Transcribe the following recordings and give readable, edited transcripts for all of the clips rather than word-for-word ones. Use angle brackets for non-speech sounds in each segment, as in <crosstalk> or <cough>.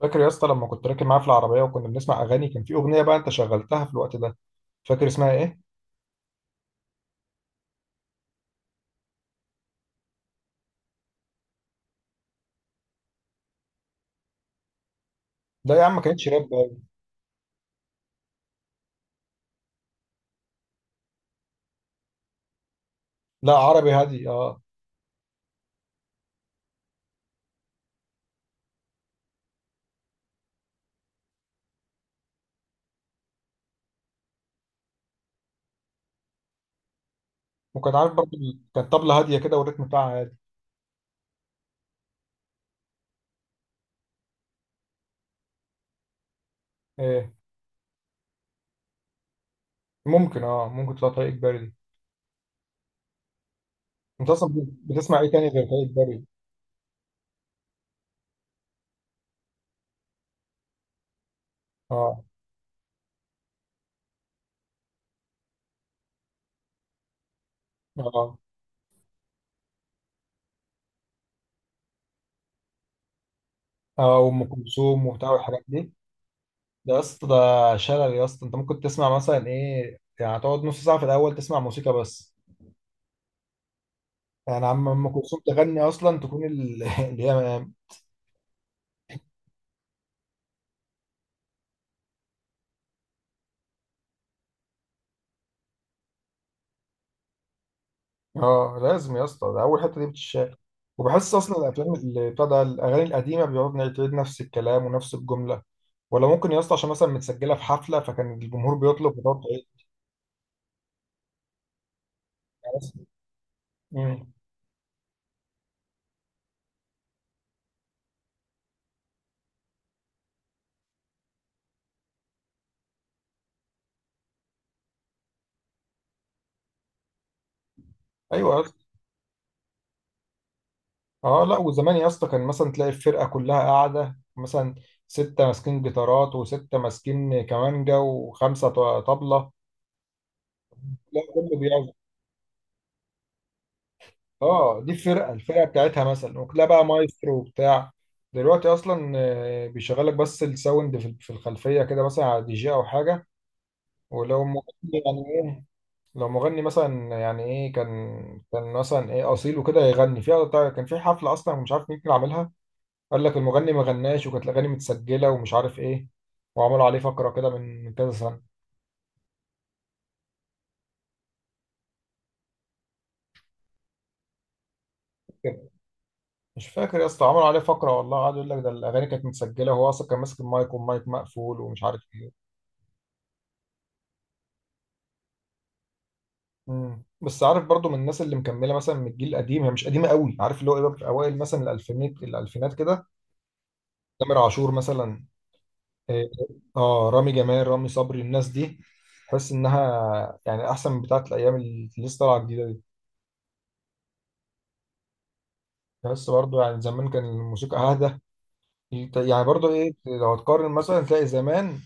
فاكر يا اسطى لما كنت راكب معاه في العربيه وكنا بنسمع اغاني، كان في اغنيه بقى انت شغلتها في الوقت ده. فاكر اسمها ايه؟ لا يا عم، ما كانتش راب باين. لا، عربي هادي، اه. وكان عارف برضه كانت طبله هاديه كده، والريتم بتاعها هادي. ايه؟ ممكن، ممكن تطلع طريق اجباري دي. انت اصلا بتسمع ايه تاني غير طريق اجباري؟ اه، اه، اه، وام كلثوم وبتاع والحاجات دي. ده يا اسطى، ده شلل يا اسطى. انت ممكن تسمع مثلا ايه؟ يعني تقعد نص ساعه في الاول تسمع موسيقى بس، يعني عم ام كلثوم تغني اصلا تكون <laughs> اللي هي. اه، لازم يا اسطى، ده اول حته دي بتتشال. وبحس اصلا الافلام اللي بتاع ده، الاغاني القديمه بيقعد نعيد نفس الكلام ونفس الجمله. ولا ممكن يا اسطى عشان مثلا متسجله في حفله، فكان الجمهور بيطلب بتقعد تعيد. يعني مثلاً- مم. ايوه يا اسطى. اه، لا، وزمان يا اسطى كان مثلا تلاقي الفرقه كلها قاعده، مثلا سته ماسكين جيتارات، وسته ماسكين كمانجا، وخمسه ط- طبله. لا، كله بيعزف. اه، دي الفرقه، الفرقه بتاعتها مثلا، وكلها بقى مايسترو وبتاع. دلوقتي اصلا بيشغلك بس الساوند في الخلفيه كده، مثلا على دي جي او حاجه. ولو مغني، يعني ايه؟ لو مغني مثلا، يعني ايه؟ كان مثلا ايه اصيل وكده يغني كان في حفله اصلا، مش عارف مين اللي عاملها. قال لك المغني ما غناش، وكانت الاغاني متسجله، ومش عارف ايه. وعملوا عليه فقره كده من كذا سنه، كده. مش فاكر يا اسطى. عملوا عليه فقره والله، قعدوا يقول لك ده الاغاني كانت متسجله، وهو اصلا كان ماسك المايك، والمايك مقفول، ومش عارف ايه. مم. بس عارف برضو، من الناس اللي مكمله مثلا من الجيل القديم، هي مش قديمه قوي، عارف اللي هو ايه، بقى في اوائل مثلا الالفينات الالفينات كده، تامر عاشور مثلا. إيه، اه، رامي جمال، رامي صبري، الناس دي تحس انها يعني احسن من بتاعه الايام اللي لسه طالعه الجديده دي. تحس برضو يعني زمان كان الموسيقى اهدى، يعني برضو ايه. لو تقارن مثلا، تلاقي زمان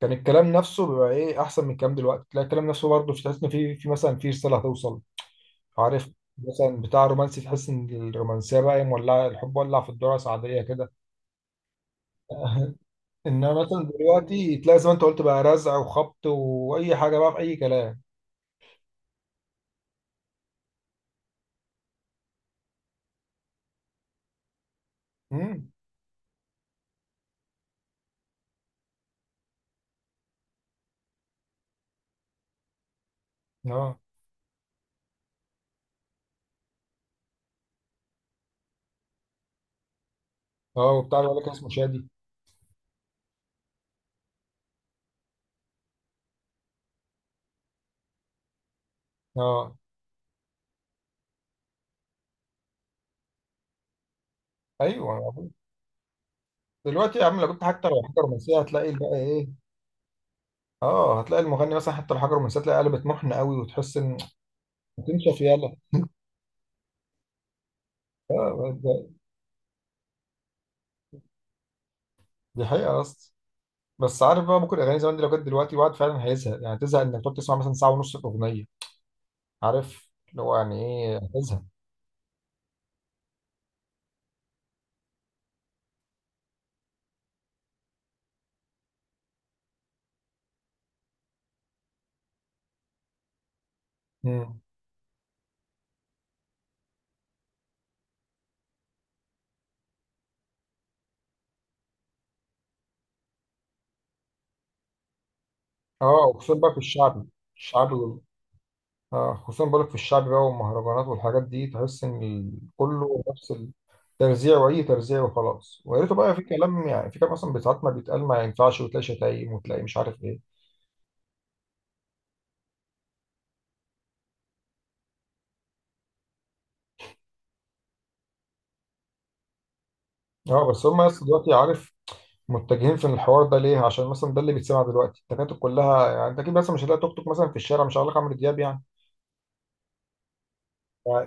كان الكلام نفسه بيبقى ايه احسن من الكلام دلوقتي. تلاقي الكلام نفسه برضو، مش تحس ان في مثلا في رساله هتوصل؟ عارف، مثلا بتاع رومانسي، تحس ان الرومانسيه بقى مولعه، الحب ولع في الدرس عاديه كده. <laughs> انما مثلا دلوقتي تلاقي زي ما انت قلت بقى، رزع وخبط واي حاجه، بقى في اي كلام. امم اه. اه، وبتاع اللي لك اسمه شادي. اه، ايوه. دلوقتي يا عم، لو كنت حتى لو حاجه رومانسيه، هتلاقي بقى ايه. اه، هتلاقي المغني مثلا حتى لو حاجه رومانسيه، تلاقي قلبت محن قوي، وتحس ان تنشف يالا. دي حقيقه اصلا. بس عارف بقى، ممكن الاغاني زمان دي لو جت دلوقتي، الواحد فعلا هيزهق. يعني تزهق انك تقعد تسمع مثلا ساعه ونص اغنيه، عارف اللي هو يعني ايه؟ هزها. مم. اه، وخصوصا بقى في الشعبي. الشعبي وال... اه، خصوصا بقولك في الشعبي بقى والمهرجانات والحاجات دي، تحس ان كله نفس الترزيع، واي ترزيع وخلاص. ويا ريته بقى في كلام، يعني في كلام اصلا ساعات ما بيتقال ما ينفعش، وتلاقي شتايم، وتلاقي مش عارف ايه. اه، بس هم اصلا دلوقتي عارف متجهين في الحوار ده ليه؟ عشان مثلا ده اللي بيتسمع دلوقتي التكاتك كلها. يعني انت اكيد مثلا مش هتلاقي توك توك مثلا في الشارع مش هقول لك عمرو دياب يعني.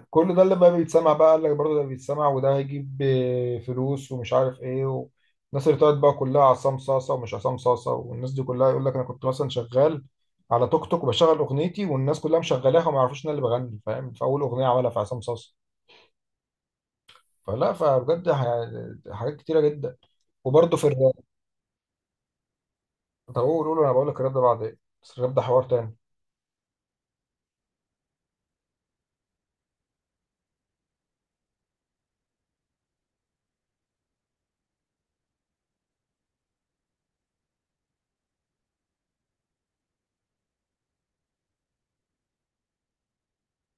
كل ده لما بيتسمع بقى، قال لك برضه ده بيتسمع، وده هيجيب فلوس، ومش عارف ايه. الناس اللي طلعت بقى كلها عصام صاصه ومش عصام صاصه، والناس دي كلها يقول لك انا كنت مثلا شغال على توك توك وبشغل اغنيتي، والناس كلها مشغلاها، وما يعرفوش ان انا اللي بغني، فاهم؟ فاول اغنيه عملها في عصام صاصه. فلا، فبجد حاجات كتيره جدا. وبرضه في الراب. طب قول، قول. انا بقول لك الراب ده بعد ايه، بس الراب ده حوار تاني.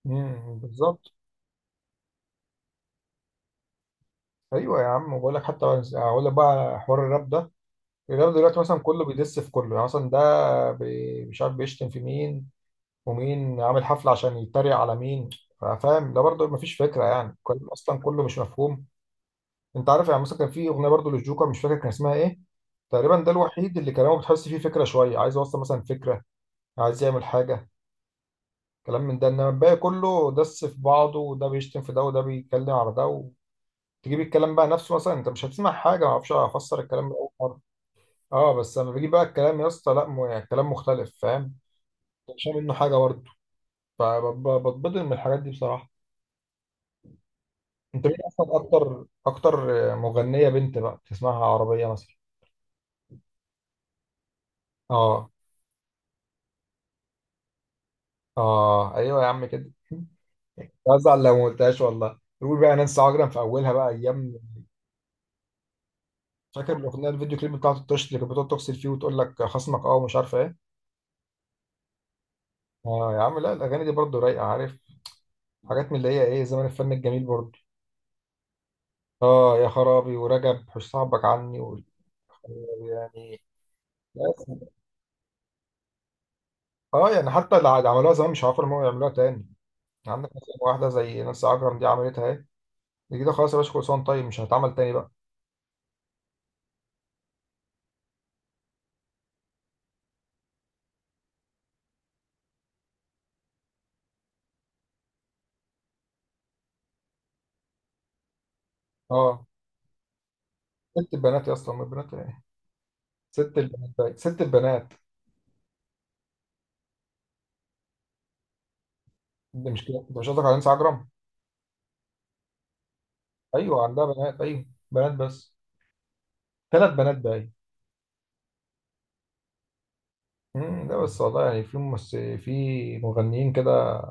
بالظبط. ايوه يا عم، وبقول لك حتى، اقول لك بقى حوار الراب ده. الرياضة دلوقتي مثلا كله بيدس في كله. يعني مثلا ده مش عارف بيشتم في مين، ومين عامل حفلة عشان يتريق على مين، فاهم؟ ده برضه مفيش فكرة، يعني الكلام أصلا كله مش مفهوم. أنت عارف يعني مثلا كان في أغنية برضه للجوكر مش فاكر كان اسمها إيه، تقريبا ده الوحيد اللي كلامه بتحس فيه فكرة شوية، عايز يوصل مثلا فكرة، عايز يعمل حاجة، كلام من ده. إنما الباقي كله دس في بعضه، وده بيشتم في ده، وده بيتكلم على ده، وتجيب الكلام بقى نفسه مثلا، أنت مش هتسمع حاجة. معرفش أفسر الكلام من أول مرة. أه، بس لما بيجي بقى الكلام يا اسطى، لا يعني الكلام مختلف، فاهم؟ مش منه حاجة برضه. فبتبضل من الحاجات دي بصراحة. انت مين اصلا اكتر اكتر؟ مغنية بنت بقى تسمعها عربية مثلا؟ اه. اه، ايوه يا عم كده. <laughs> بزعل لو ما قلتهاش والله. يقول بقى نانسي عجرم في اولها بقى ايام. فاكر الاغنيه، الفيديو كليب بتاعت الطش، اللي كانت بتقعد تغسل فيه وتقول لك خصمك اه ومش عارفه ايه. اه يا عم، لا، الاغاني دي برضه رايقه عارف، حاجات من اللي هي ايه، زمان الفن الجميل برضه. اه يا خرابي، ورجب حش صاحبك عني. يعني اه، يعني حتى اللي عملوها زمان مش عارفين ان هم يعملوها تاني. يعني عندك مثلا واحده زي نانسي عجرم دي، عملتها اهي، دي كده خلاص يا باشا، كل طيب مش هتعمل تاني بقى. اه، ست البنات يا اسطى، أم البنات ايه؟ ست البنات بقى. ست البنات. ده مش كده، انت مش قصدك على نانسي عجرم؟ ايوه عندها بنات، ايوه بنات بس، ثلاث بنات بقى. ده بس والله. يعني في مغنيين كده،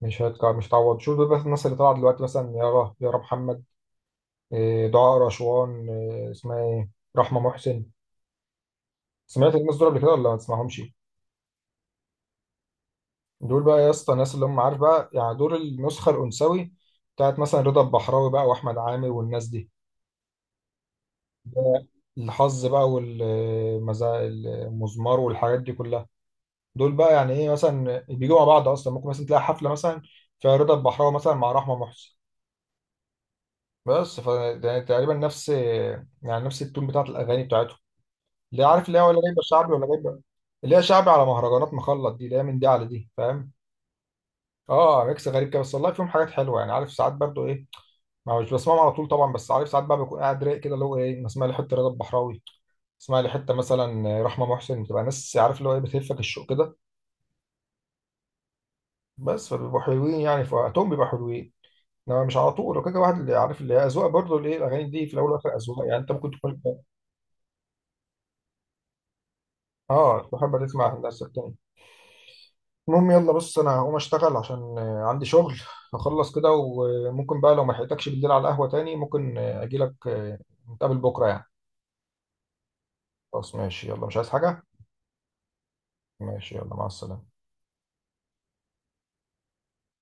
مش هتعوض. شوف دول بس، الناس اللي طالعه دلوقتي مثلا، يارا، يارا محمد، دعاء رشوان، اسمها ايه، رحمه محسن. سمعت الناس دول قبل كده ولا ما تسمعهمش؟ دول بقى يا اسطى، الناس اللي هم عارف بقى، يعني دول النسخه الانثوي بتاعت مثلا رضا البحراوي بقى، واحمد عامر والناس دي. ده الحظ بقى، والمزا، المزمار، والحاجات دي كلها. دول بقى يعني ايه، مثلا بيجوا مع بعض اصلا. ممكن مثلا تلاقي حفله مثلا فيها رضا البحراوي مثلا مع رحمه محسن. بس ف ده تقريبا نفس، يعني نفس التون بتاعت الاغاني بتاعتهم، اللي عارف اللي هي ولا جايبه شعبي ولا جايبه اللي هي شعبي على مهرجانات، مخلط دي اللي هي من دي على دي، فاهم؟ اه، ميكس غريب كده. بس والله فيهم حاجات حلوه، يعني عارف ساعات برضو ايه، ما مش بسمعهم على طول طبعا. بس عارف ساعات بقى بكون قاعد رايق كده، اللي هو ايه، اسمع لي حته رضا البحراوي، اسمع لي حته مثلا رحمه محسن. بتبقى ناس عارف اللي هو ايه، بتهفك الشوق كده. بس فبيبقوا حلوين يعني، في وقتهم بيبقوا حلوين، انما مش على طول وكده واحد. اللي عارف اللي هي اذواق برضه، اللي ايه الاغاني دي في الاول والاخر اذواق، يعني انت ممكن تكون اه، تحب تسمع الناس التانية. المهم يلا بص، انا هقوم اشتغل عشان عندي شغل. هخلص كده، وممكن بقى لو ما لحقتكش بالليل على القهوه تاني ممكن اجي لك، نتقابل بكره يعني. خلاص ماشي يلا، مش عايز حاجه؟ ماشي يلا، مع السلامه.